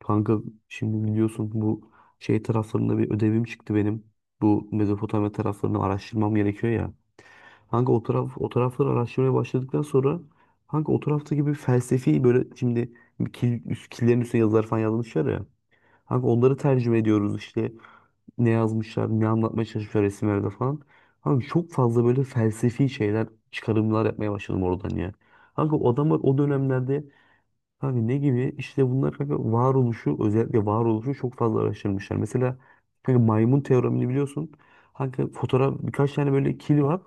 Kanka şimdi biliyorsun bu şey taraflarında bir ödevim çıktı benim. Bu Mezopotamya taraflarını araştırmam gerekiyor ya. Kanka o tarafları araştırmaya başladıktan sonra kanka o taraftaki gibi felsefi böyle şimdi killerin üstüne yazılar falan yazmışlar ya. Kanka onları tercüme ediyoruz işte ne yazmışlar, ne anlatmaya çalışmışlar resimlerde falan. Kanka çok fazla böyle felsefi şeyler, çıkarımlar yapmaya başladım oradan ya. Kanka o adamlar o dönemlerde hani ne gibi? İşte bunlar kanka varoluşu özellikle varoluşu çok fazla araştırmışlar. Mesela kanka maymun teoremini biliyorsun. Kanka fotoğraf birkaç tane böyle kili var.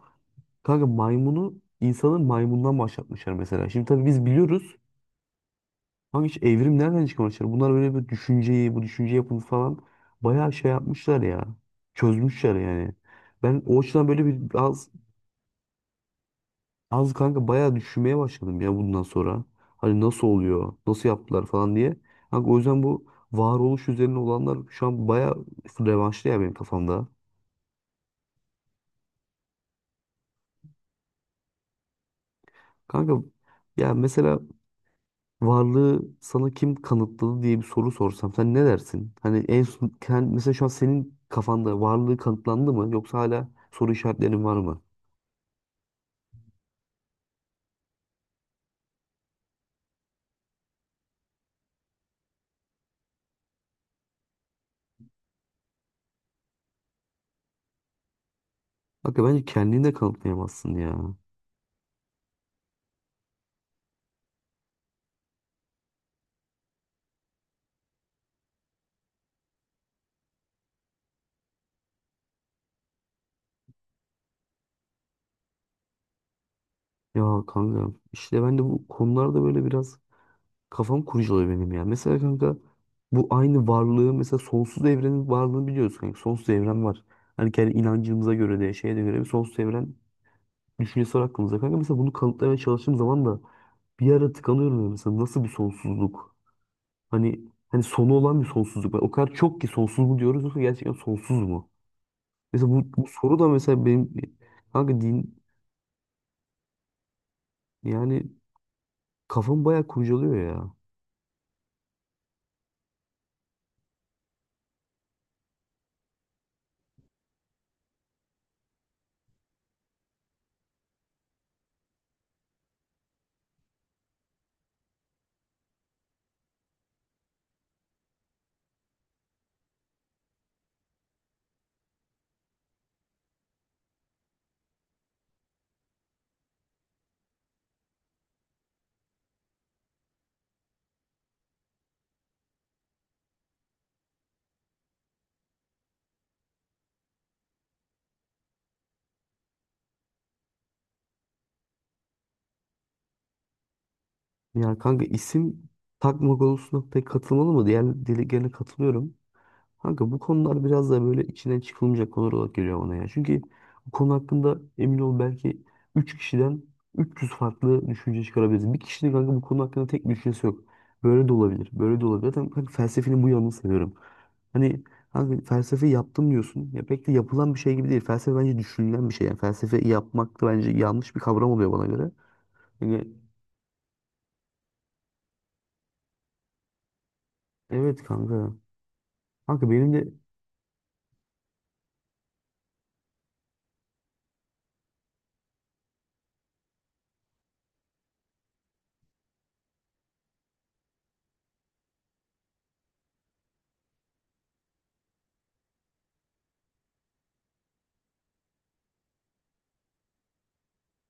Kanka maymunu insanın maymundan başlatmışlar mesela. Şimdi tabii biz biliyoruz. Kanka hiç evrim nereden çıkmışlar? Bunlar böyle bir düşünceyi, bu düşünce yapını falan bayağı şey yapmışlar ya. Çözmüşler yani. Ben o açıdan böyle bir biraz az kanka bayağı düşünmeye başladım ya bundan sonra. Hani nasıl oluyor, nasıl yaptılar falan diye. Kanka o yüzden bu varoluş üzerine olanlar şu an bayağı revanşlı ya benim kafamda. Kanka ya mesela varlığı sana kim kanıtladı diye bir soru sorsam sen ne dersin? Hani en son, kend- mesela şu an senin kafanda varlığı kanıtlandı mı yoksa hala soru işaretlerin var mı? Kanka bence kendini de kanıtlayamazsın ya. Ya kanka işte ben de bu konularda böyle biraz kafam kurcalıyor benim ya. Mesela kanka bu aynı varlığı mesela sonsuz evrenin varlığını biliyoruz kanka. Sonsuz evren var. Hani kendi inancımıza göre de şeye de göre bir sonsuz evren düşüncesi var aklımızda kanka. Mesela bunu kanıtlamaya çalıştığım zaman da bir ara tıkanıyorum ya. Mesela nasıl bir sonsuzluk? Hani hani sonu olan bir sonsuzluk var. O kadar çok ki sonsuz mu diyoruz yoksa gerçekten sonsuz mu? Mesela bu soru da mesela benim kanka din yani kafam bayağı kurcalıyor ya. Ya kanka isim takma konusuna pek katılmalı mı? Diğer dileklerine katılıyorum. Kanka bu konular biraz da böyle içinden çıkılmayacak konular olarak geliyor bana ya. Çünkü bu konu hakkında emin ol belki 3 kişiden 300 farklı düşünce çıkarabiliriz. Bir kişinin kanka bu konu hakkında tek bir düşüncesi yok. Böyle de olabilir, böyle de olabilir. Zaten kanka felsefenin bu yanını seviyorum. Hani kanka felsefe yaptım diyorsun. Ya pek de yapılan bir şey gibi değil. Felsefe bence düşünülen bir şey. Yani felsefe yapmak da bence yanlış bir kavram oluyor bana göre. Yani evet kanka. Kanka benim de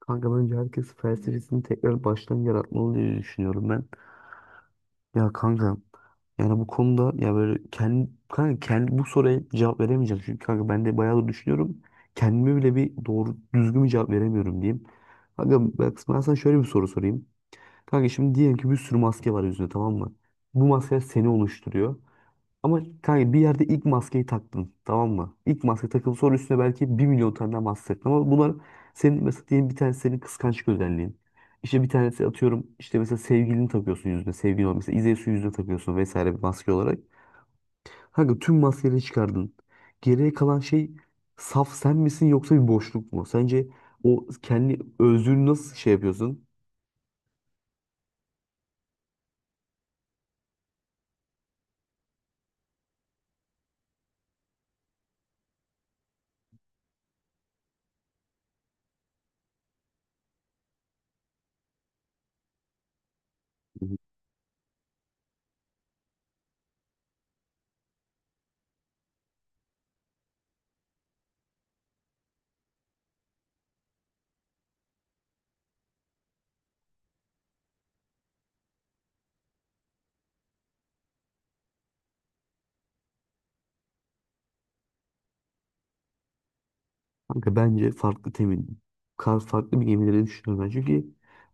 kanka bence herkes felsefesini tekrar baştan yaratmalı diye düşünüyorum ben. Ya kanka yani bu konuda ya böyle kendi bu soruya cevap veremeyeceğim. Çünkü kanka ben de bayağı da düşünüyorum. Kendime bile bir doğru düzgün bir cevap veremiyorum diyeyim. Kanka bak ben sana şöyle bir soru sorayım. Kanka şimdi diyelim ki bir sürü maske var yüzünde, tamam mı? Bu maskeler seni oluşturuyor. Ama kanka bir yerde ilk maskeyi taktın, tamam mı? İlk maske takıp sonra üstüne belki 1.000.000 tane daha maske taktın. Ama bunlar senin mesela diyelim bir tanesi senin kıskançlık özelliğin. İşte bir tanesi atıyorum işte mesela sevgilini takıyorsun yüzüne. Sevgilin olmuş. Mesela İzeysu yüzüne takıyorsun vesaire bir maske olarak. Kanka tüm maskeleri çıkardın. Geriye kalan şey saf sen misin yoksa bir boşluk mu? Sence o kendi özlüğünü nasıl şey yapıyorsun? Kanka bence farklı temin. Kar farklı bir gemileri düşünüyorum ben. Çünkü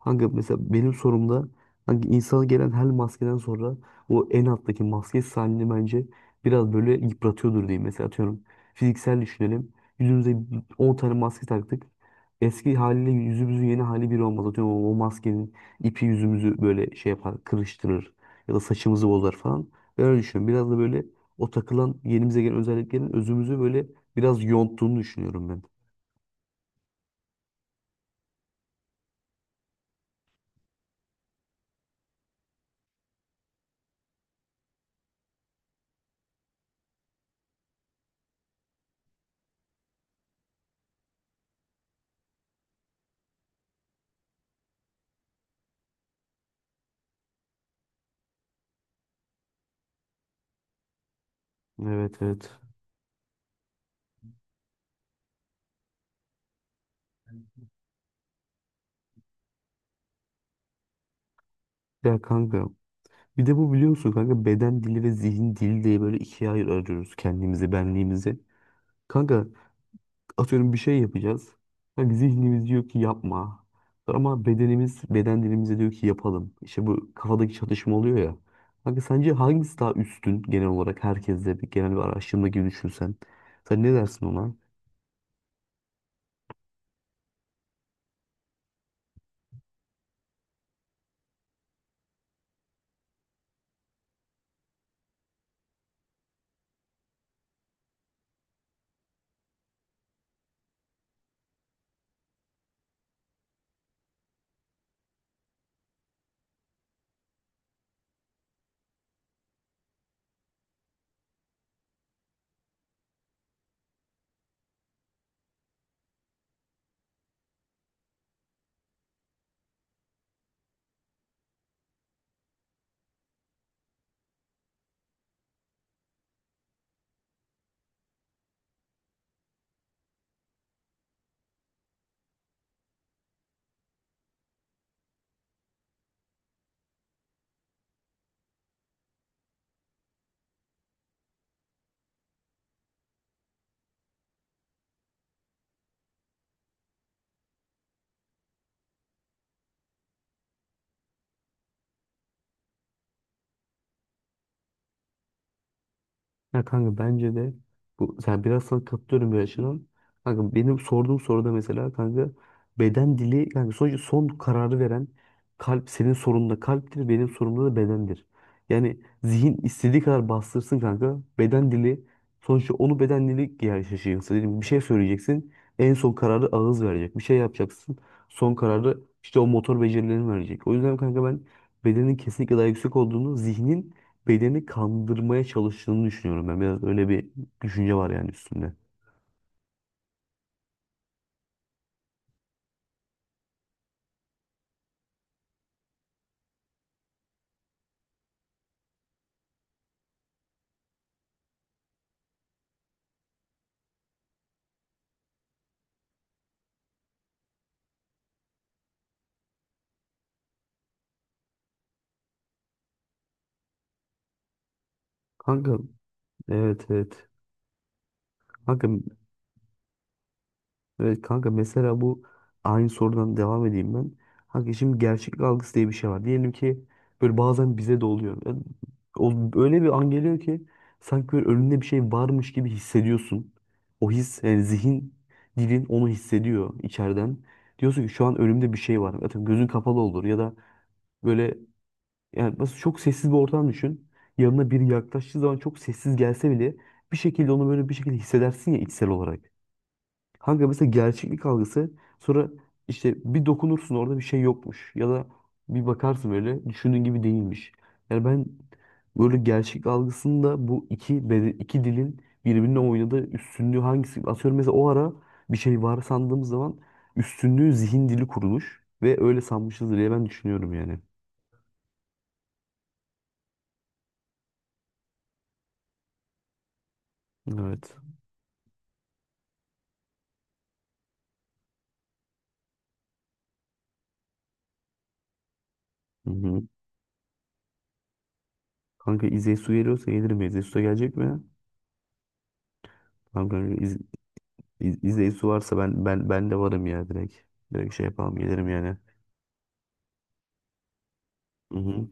kanka mesela benim sorumda hangi insana gelen her maskeden sonra o en alttaki maske halini bence biraz böyle yıpratıyordur diyeyim. Mesela atıyorum fiziksel düşünelim. Yüzümüze 10 tane maske taktık. Eski haliyle yüzümüzün yeni hali bir olmaz. Atıyorum o maskenin ipi yüzümüzü böyle şey yapar, kırıştırır ya da saçımızı bozar falan. Ben öyle düşünüyorum. Biraz da böyle o takılan yenimize gelen özelliklerin özümüzü böyle biraz yonttuğunu düşünüyorum ben. Evet, evet. Ya kanka bir de bu biliyor musun kanka beden dili ve zihin dili diye böyle ikiye ayırıyoruz kendimizi, benliğimizi. Kanka atıyorum bir şey yapacağız. Kanka zihnimiz diyor ki yapma. Ama bedenimiz, beden dilimize diyor ki yapalım. İşte bu kafadaki çatışma oluyor ya. Kanka sence hangisi daha üstün genel olarak herkeste bir genel bir araştırma gibi düşünsen. Sen ne dersin ona? Ya kanka bence de bu sen biraz sana katılıyorum bir açıdan. Kanka benim sorduğum soruda mesela kanka beden dili yani sonuçta son kararı veren kalp senin sorununda kalptir, benim sorumda da bedendir. Yani zihin istediği kadar bastırsın kanka beden dili sonuçta onu beden dili gerçekleşiyor. Mesela diyelim bir şey söyleyeceksin en son kararı ağız verecek. Bir şey yapacaksın son kararı işte o motor becerilerini verecek. O yüzden kanka ben bedenin kesinlikle daha yüksek olduğunu zihnin bedeni kandırmaya çalıştığını düşünüyorum ben. Biraz öyle bir düşünce var yani üstünde. Kanka evet, evet. Kanka evet kanka mesela bu aynı sorudan devam edeyim ben. Kanka şimdi gerçeklik algısı diye bir şey var. Diyelim ki böyle bazen bize de oluyor. Yani o, öyle bir an geliyor ki sanki böyle önünde bir şey varmış gibi hissediyorsun. O his yani zihin dilin onu hissediyor içeriden. Diyorsun ki şu an önümde bir şey var. Zaten gözün kapalı olur ya da böyle yani nasıl çok sessiz bir ortam düşün. Yanına biri yaklaştığı zaman çok sessiz gelse bile bir şekilde onu böyle bir şekilde hissedersin ya içsel olarak. Kanka mesela gerçeklik algısı sonra işte bir dokunursun orada bir şey yokmuş ya da bir bakarsın böyle düşündüğün gibi değilmiş. Yani ben böyle gerçeklik algısında bu iki dilin birbirine oynadığı üstünlüğü hangisi? Atıyorum mesela o ara bir şey var sandığımız zaman üstünlüğü zihin dili kurulmuş ve öyle sanmışız diye ben düşünüyorum yani. Evet. Hı hı. Kanka İzeysu geliyorsa gelir mi? İzeysu da gelecek mi? Tamam kanka İzeysu varsa ben de varım ya direkt. Direkt şey yapalım gelirim yani. Hı hı.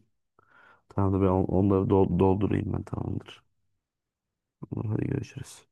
Tamamdır ben onları doldurayım ben tamamdır. Tamam, hadi görüşürüz.